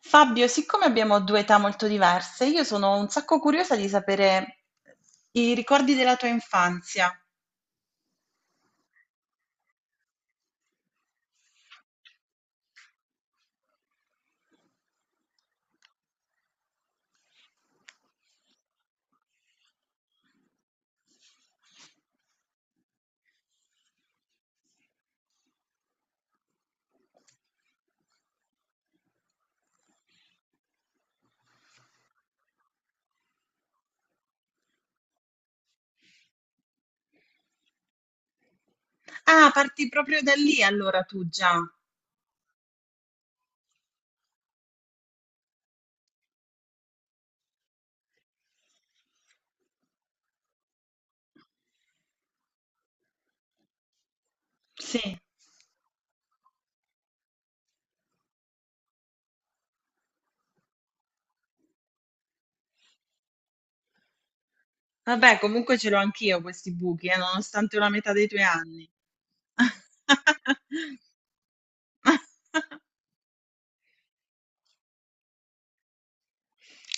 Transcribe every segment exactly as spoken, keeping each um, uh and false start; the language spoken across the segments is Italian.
Fabio, siccome abbiamo due età molto diverse, io sono un sacco curiosa di sapere i ricordi della tua infanzia. Ah, parti proprio da lì allora tu già. Sì. Vabbè, comunque ce l'ho anch'io questi buchi, eh, nonostante la metà dei tuoi anni.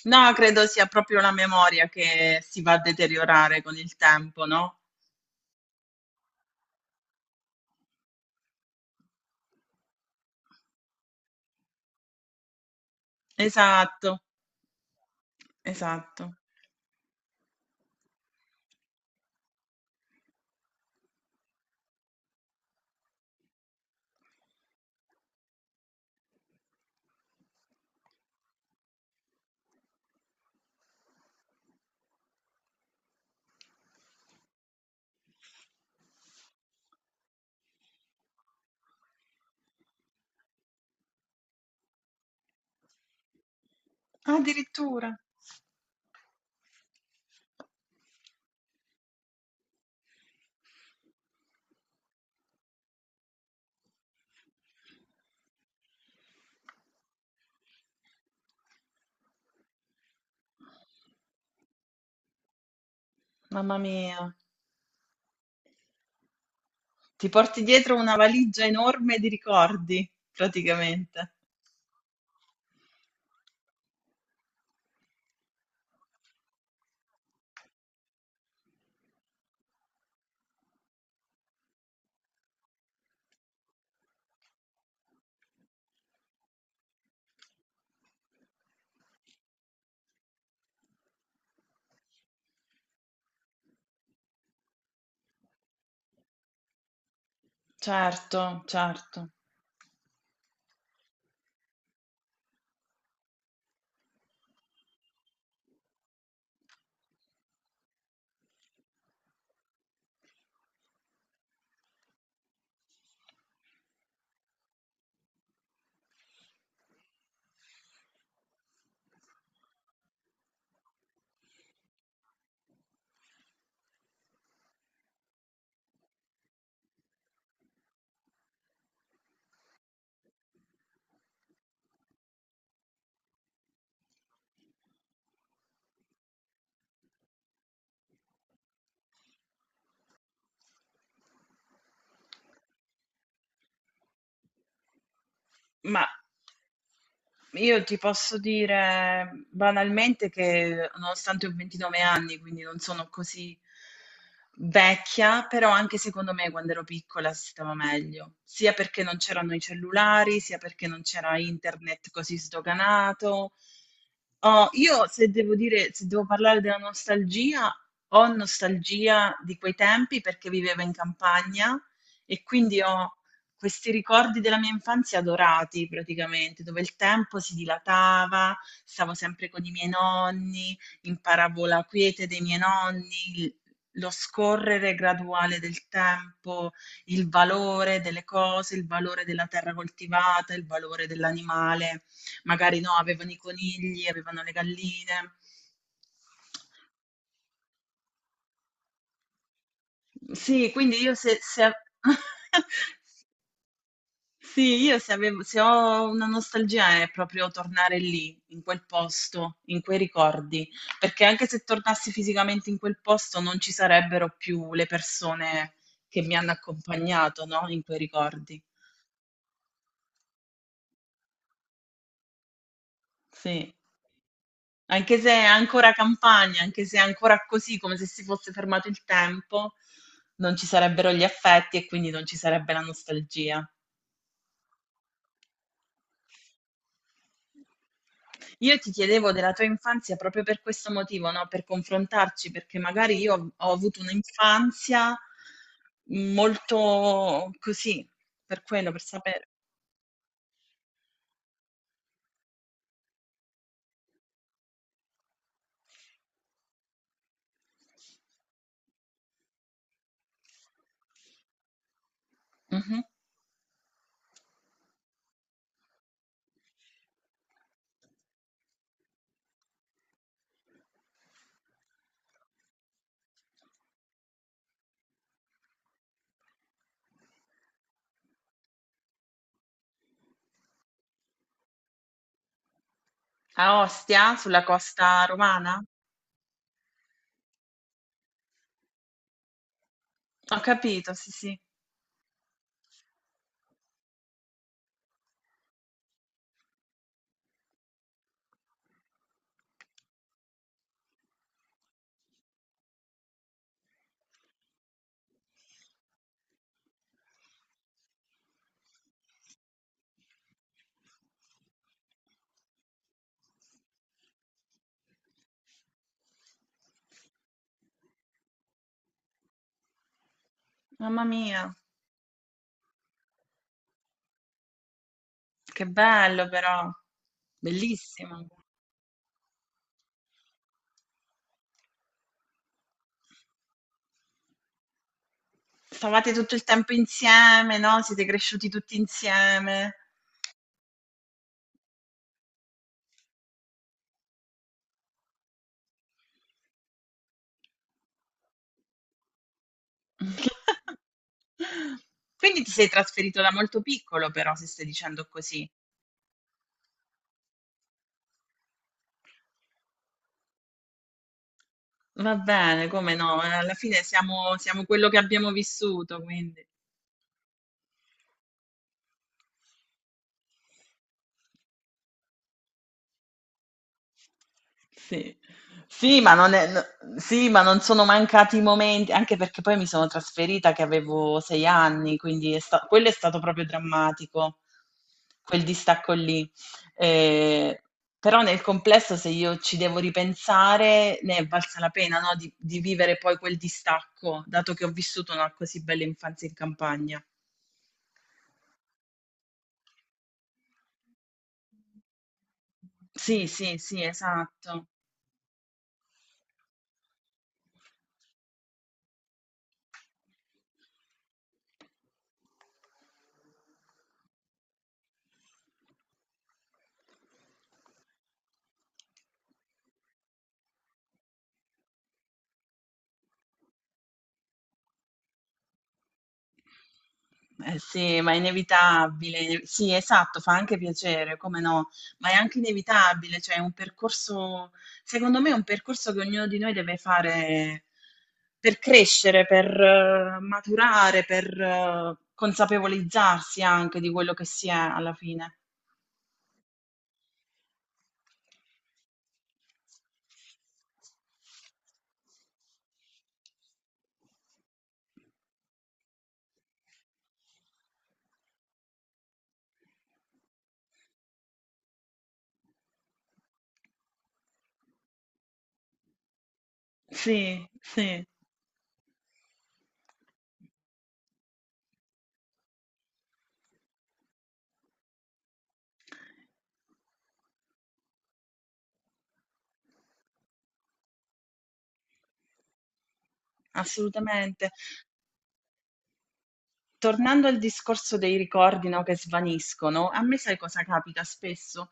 No, credo sia proprio la memoria che si va a deteriorare con il tempo, no? Esatto, esatto. Addirittura. Mamma mia. Ti porti dietro una valigia enorme di ricordi, praticamente. Certo, certo. Ma io ti posso dire banalmente che nonostante ho ventinove anni, quindi non sono così vecchia, però anche secondo me quando ero piccola si stava meglio, sia perché non c'erano i cellulari, sia perché non c'era internet così sdoganato. Oh, io se devo dire, se devo parlare della nostalgia, ho nostalgia di quei tempi perché vivevo in campagna e quindi ho questi ricordi della mia infanzia dorati praticamente, dove il tempo si dilatava, stavo sempre con i miei nonni, imparavo la quiete dei miei nonni, il lo scorrere graduale del tempo, il valore delle cose, il valore della terra coltivata, il valore dell'animale. Magari no, avevano i conigli, avevano le galline. Sì, quindi io se, se- sì, io se avevo se ho una nostalgia è proprio tornare lì, in quel posto, in quei ricordi, perché anche se tornassi fisicamente in quel posto non ci sarebbero più le persone che mi hanno accompagnato, no, in quei ricordi. Sì. Anche se è ancora campagna, anche se è ancora così, come se si fosse fermato il tempo, non ci sarebbero gli affetti e quindi non ci sarebbe la nostalgia. Io ti chiedevo della tua infanzia proprio per questo motivo, no? Per confrontarci, perché magari io ho, ho avuto un'infanzia molto così, per quello, per sapere. Mhm. A Ostia, sulla costa romana? Ho capito, sì, sì. Mamma mia, che bello però, bellissimo. Stavate tutto il tempo insieme, no? Siete cresciuti tutti insieme. Quindi ti sei trasferito da molto piccolo, però, se stai dicendo così. Va bene, come no? eh, Alla fine siamo, siamo quello che abbiamo vissuto, quindi. Sì. Sì, ma non è- no- sì, ma non sono mancati momenti, anche perché poi mi sono trasferita che avevo sei anni, quindi è sta- quello è stato proprio drammatico, quel distacco lì. Eh, però nel complesso, se io ci devo ripensare, ne è valsa la pena, no? Di, di vivere poi quel distacco, dato che ho vissuto una così bella infanzia in campagna. Sì, sì, sì, esatto. Eh sì, ma è inevitabile. Sì, esatto, fa anche piacere, come no, ma è anche inevitabile, cioè è un percorso, secondo me è un percorso che ognuno di noi deve fare per crescere, per eh, maturare, per eh, consapevolizzarsi anche di quello che si è alla fine. Sì, sì, assolutamente. Tornando al discorso dei ricordi, no, che svaniscono, a me sai cosa capita spesso?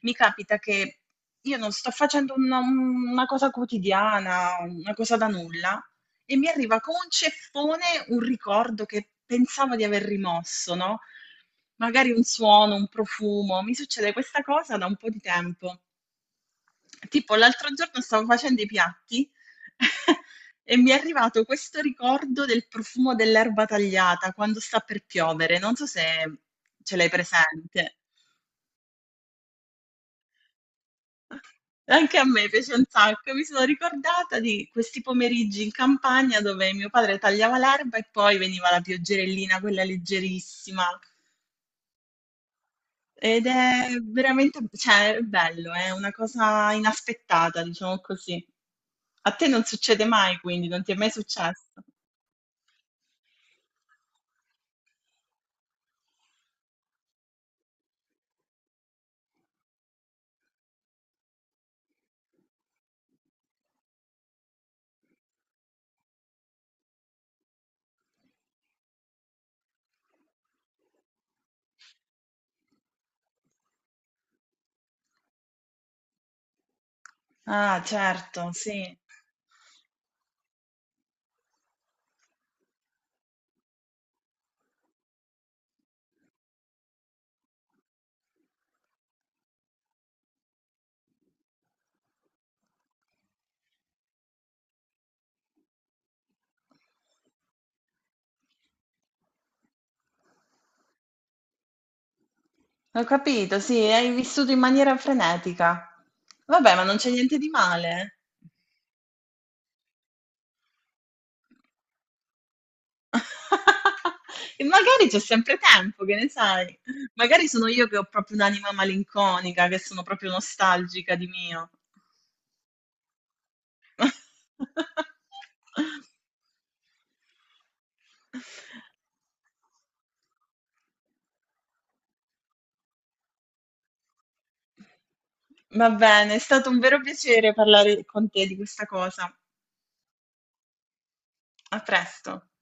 Mi capita che io non sto facendo una, una cosa quotidiana, una cosa da nulla, e mi arriva con un ceffone un ricordo che pensavo di aver rimosso, no? Magari un suono, un profumo. Mi succede questa cosa da un po' di tempo. Tipo l'altro giorno stavo facendo i piatti e mi è arrivato questo ricordo del profumo dell'erba tagliata quando sta per piovere. Non so se ce l'hai presente. Anche a me piace un sacco. Mi sono ricordata di questi pomeriggi in campagna dove mio padre tagliava l'erba e poi veniva la pioggerellina, quella leggerissima. Ed è veramente, cioè, è bello, è una cosa inaspettata, diciamo così. A te non succede mai, quindi non ti è mai successo. Ah, certo, sì. Ho capito, sì, hai vissuto in maniera frenetica. Vabbè, ma non c'è niente di male. E magari c'è sempre tempo, che ne sai? Magari sono io che ho proprio un'anima malinconica, che sono proprio nostalgica di mio. Va bene, è stato un vero piacere parlare con te di questa cosa. A presto.